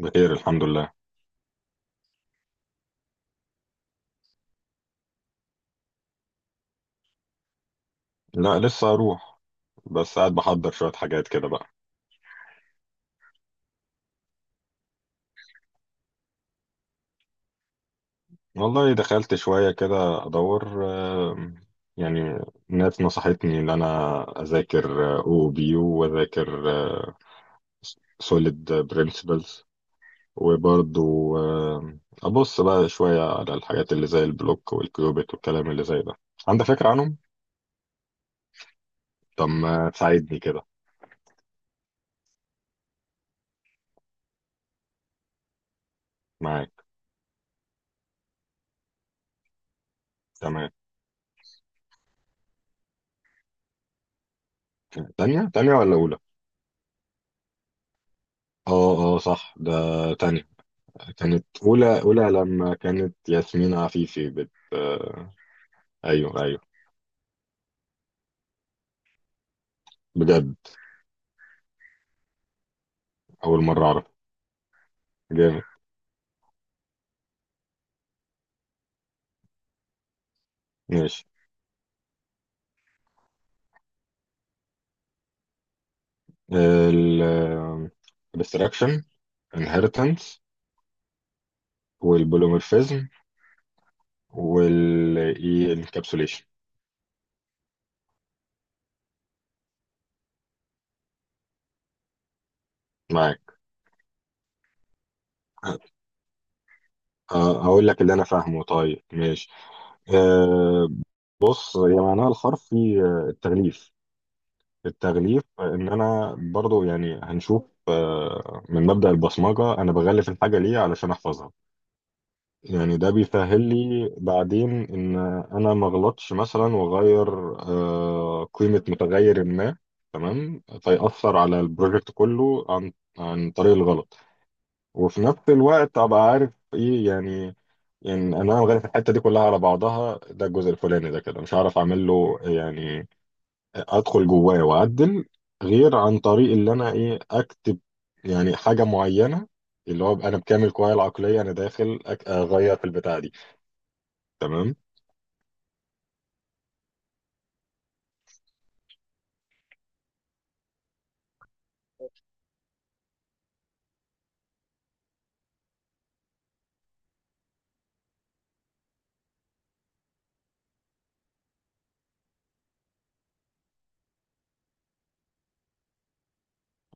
بخير الحمد لله. لا لسه اروح، بس قاعد بحضر شوية حاجات كده بقى. والله دخلت شوية كده ادور. آم، يعني ناس نصحتني ان انا اذاكر او بي يو واذاكر سوليد برينسيبلز وبرضو ابص بقى شوية على الحاجات اللي زي البلوك والكيوبيت والكلام اللي زي ده. عندك فكرة عنهم؟ طب ما تساعدني كده. معاك. تمام. تانية تانية ولا اولى؟ اه اه صح ده. تانية. كانت أولى أولى لما كانت ياسمين عفيفي بت آه، أيوه أيوه. بجد. أول مرة أعرف. جامد. ماشي. ال abstraction، inheritance، والبوليمورفيزم، وال encapsulation. معاك. أقول لك اللي أنا فاهمه طيب ماشي. أه بص، هي معناها الحرفي التغليف. التغليف. إن أنا برضو يعني هنشوف من مبدأ البصمجة أنا بغلف الحاجة ليه علشان أحفظها. يعني ده بيسهل لي بعدين ان انا ما اغلطش مثلا واغير قيمة متغير ما. تمام، فيأثر على البروجكت كله عن عن طريق الغلط. وفي نفس الوقت ابقى عارف ايه يعني، يعني انا غالب الحته دي كلها على بعضها. ده الجزء الفلاني ده كده مش هعرف اعمل له يعني ادخل جواه واعدل غير عن طريق اللي انا ايه اكتب يعني حاجه معينه، اللي هو أبقى انا بكامل قواي العقليه انا داخل اغير في البتاعه دي. تمام.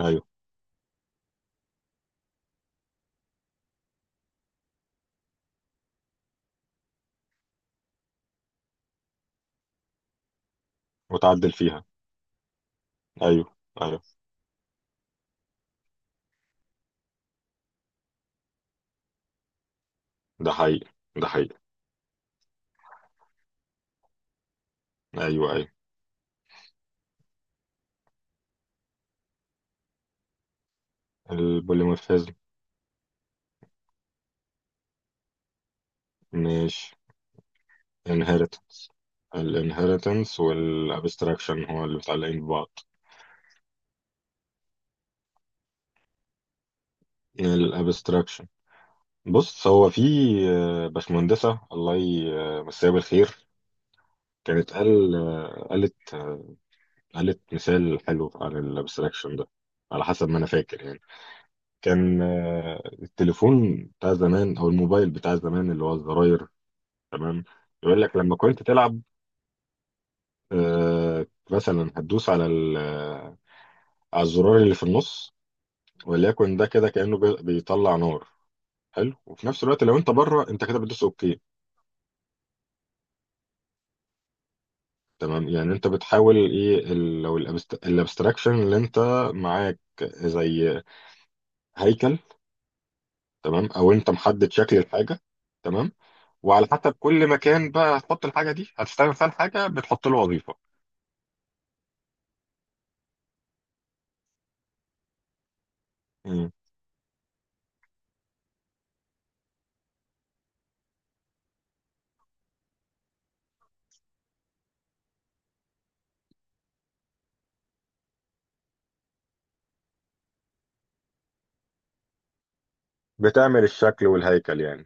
ايوه. وتعدل فيها. ايوه ايوه. ده حقيقي ده حقيقي. ايوه ايوه. البوليمورفيزم. مش inheritance. الانهيرتنس والابستراكشن هو اللي متعلقين ببعض. الابستراكشن. بص هو في باشمهندسة الله يمسيها بالخير، كانت قال قالت قالت مثال حلو عن الابستراكشن ده. على حسب ما انا فاكر يعني. كان التليفون بتاع زمان او الموبايل بتاع زمان اللي هو الزراير. تمام. يقول لك لما كنت تلعب مثلا هتدوس على على الزرار اللي في النص، وليكن ده كده كأنه بيطلع نار. حلو. وفي نفس الوقت لو انت بره انت كده بتدوس اوكي. تمام. يعني انت بتحاول ايه لو الابستراكشن اللي انت معاك زي هيكل. تمام. او انت محدد شكل الحاجه. تمام. وعلى حسب كل مكان بقى هتحط الحاجه دي هتستعمل فيها الحاجه بتحط له وظيفه. مم. بتعمل الشكل والهيكل يعني.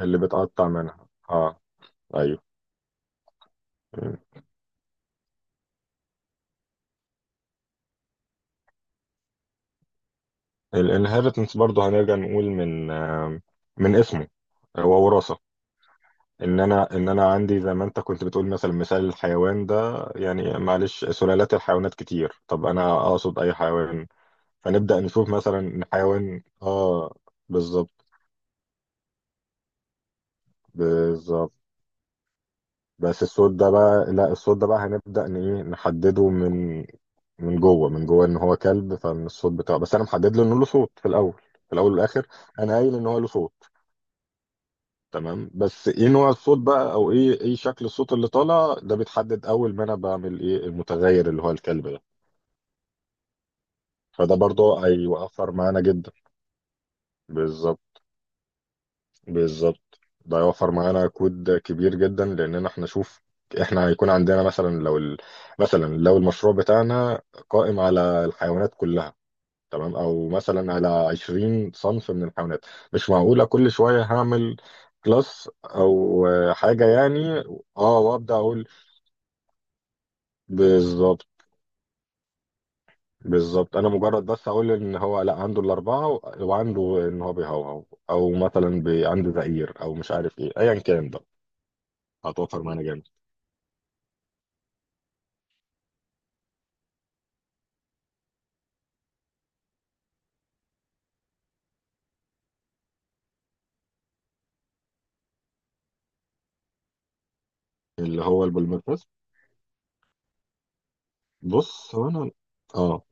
اللي بتقطع منها اه. ايوه. الانهيرتنس برضه هنرجع نقول من من اسمه. هو وراثه. ان انا عندي زي ما انت كنت بتقول مثلا مثال الحيوان ده. يعني معلش سلالات الحيوانات كتير، طب انا اقصد اي حيوان. فنبدا نشوف مثلا إن حيوان اه. بالظبط بالظبط. بس الصوت ده بقى لا، الصوت ده بقى هنبدا ن- إيه، نحدده من من جوه من جوه ان هو كلب، فمن الصوت بتاعه. بس انا محدد له انه له صوت في الاول. في الاول والاخر انا قايل ان هو له صوت. تمام. بس ايه نوع الصوت بقى او ايه ايه شكل الصوت اللي طالع ده بيتحدد اول ما انا بعمل ايه المتغير اللي هو الكلب ده. فده برضه هيوفر معانا جدا. بالظبط بالظبط. ده هيوفر معانا كود كبير جدا لاننا احنا شوف احنا هيكون عندنا مثلا لو ال... مثلا لو المشروع بتاعنا قائم على الحيوانات كلها، تمام، او مثلا على 20 صنف من الحيوانات. مش معقولة كل شوية هعمل كلاس او حاجة يعني. اه وابدا اقول. بالظبط بالظبط. انا مجرد بس اقول ان هو لا عنده الاربعه وعنده ان هو بيهوهو، او مثلا عنده زئير او مش عارف ايه ايا كان بقى. هتوفر معانا جامد. اللي هو البولمرفاس. بص هو انا. اه.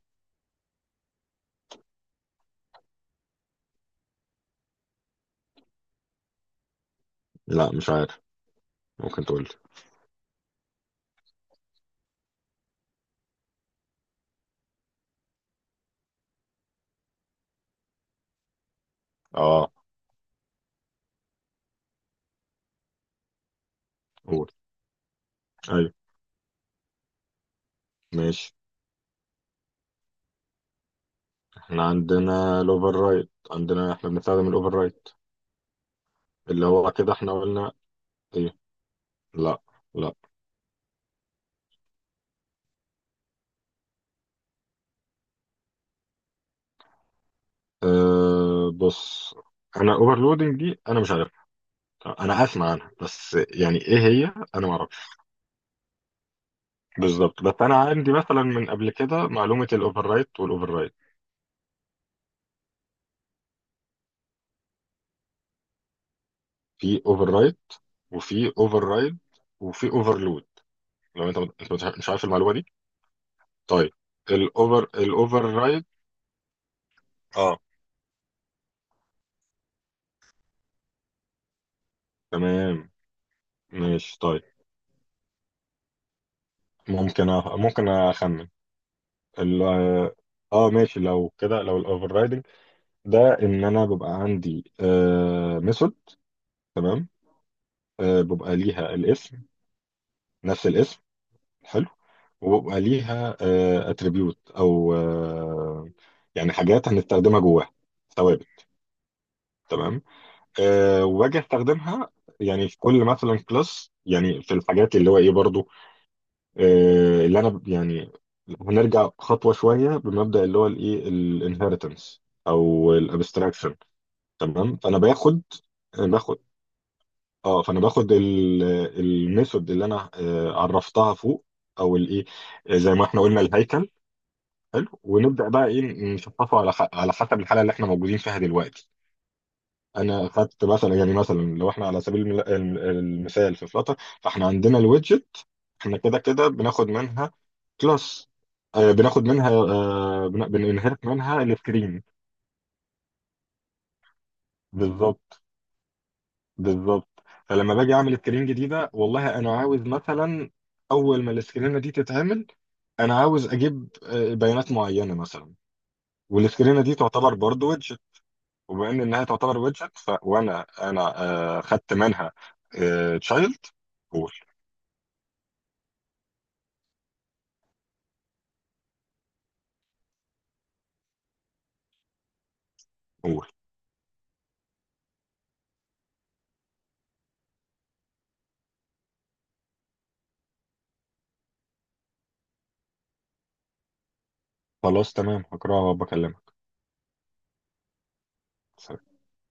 لا مش عارف، ممكن تقول لي. اه. قول. ايوه. ماشي. احنا عندنا الاوفر رايت. عندنا احنا بنستخدم الاوفر رايت. اللي هو كده احنا قلنا. ايه. لا. لا. أه بص، انا اوفرلودنج دي انا مش عارف، انا اسمع عنها بس يعني ايه هي. انا ما اعرفش بالظبط، بس انا عندي مثلا من قبل كده معلومه الاوفر رايت والاوفر رايت. في اوفر رايت وفي اوفر رايد وفي اوفرلود. لو انت مش عارف المعلومه دي. طيب. الاوفر رايد. اه. تمام ماشي طيب. ممكن ممكن اخمن. ال... اه ماشي لو كده، لو الاوفر رايدنج ده ان انا ببقى عندي آه ميثود. تمام. آه ببقى ليها الاسم، نفس الاسم. حلو. وبيبقى ليها اتريبيوت او يعني حاجات هنستخدمها جواها، ثوابت. تمام. وباجي استخدمها يعني في كل مثلا كلاس يعني في الحاجات اللي هو ايه برضو اللي انا يعني هنرجع خطوه شويه بمبدا اللي هو الايه الانهيرتنس او الابستراكشن. تمام. فانا باخد باخد اه. فانا باخد الميثود اللي انا عرفتها فوق او الايه زي ما احنا قلنا الهيكل. حلو. ونبدا بقى ايه نشطفه على على حسب الحاله اللي احنا موجودين فيها دلوقتي. انا خدت مثلا، يعني مثلا لو احنا على سبيل المثال في فلاتر. فاحنا عندنا الويدجت. احنا كده كده بناخد منها كلاس. آه بناخد منها آه بننهرت منها السكرين. بالظبط بالظبط. فلما باجي اعمل سكرين جديده، والله انا عاوز مثلا اول ما السكرينه دي تتعمل انا عاوز اجيب بيانات معينه مثلا. والسكرينه دي تعتبر برضه، وبما ان انها تعتبر ويدجت فانا انا آه خدت منها آه تشايلد. قول. قول. خلاص تمام هقراها وبكلمك.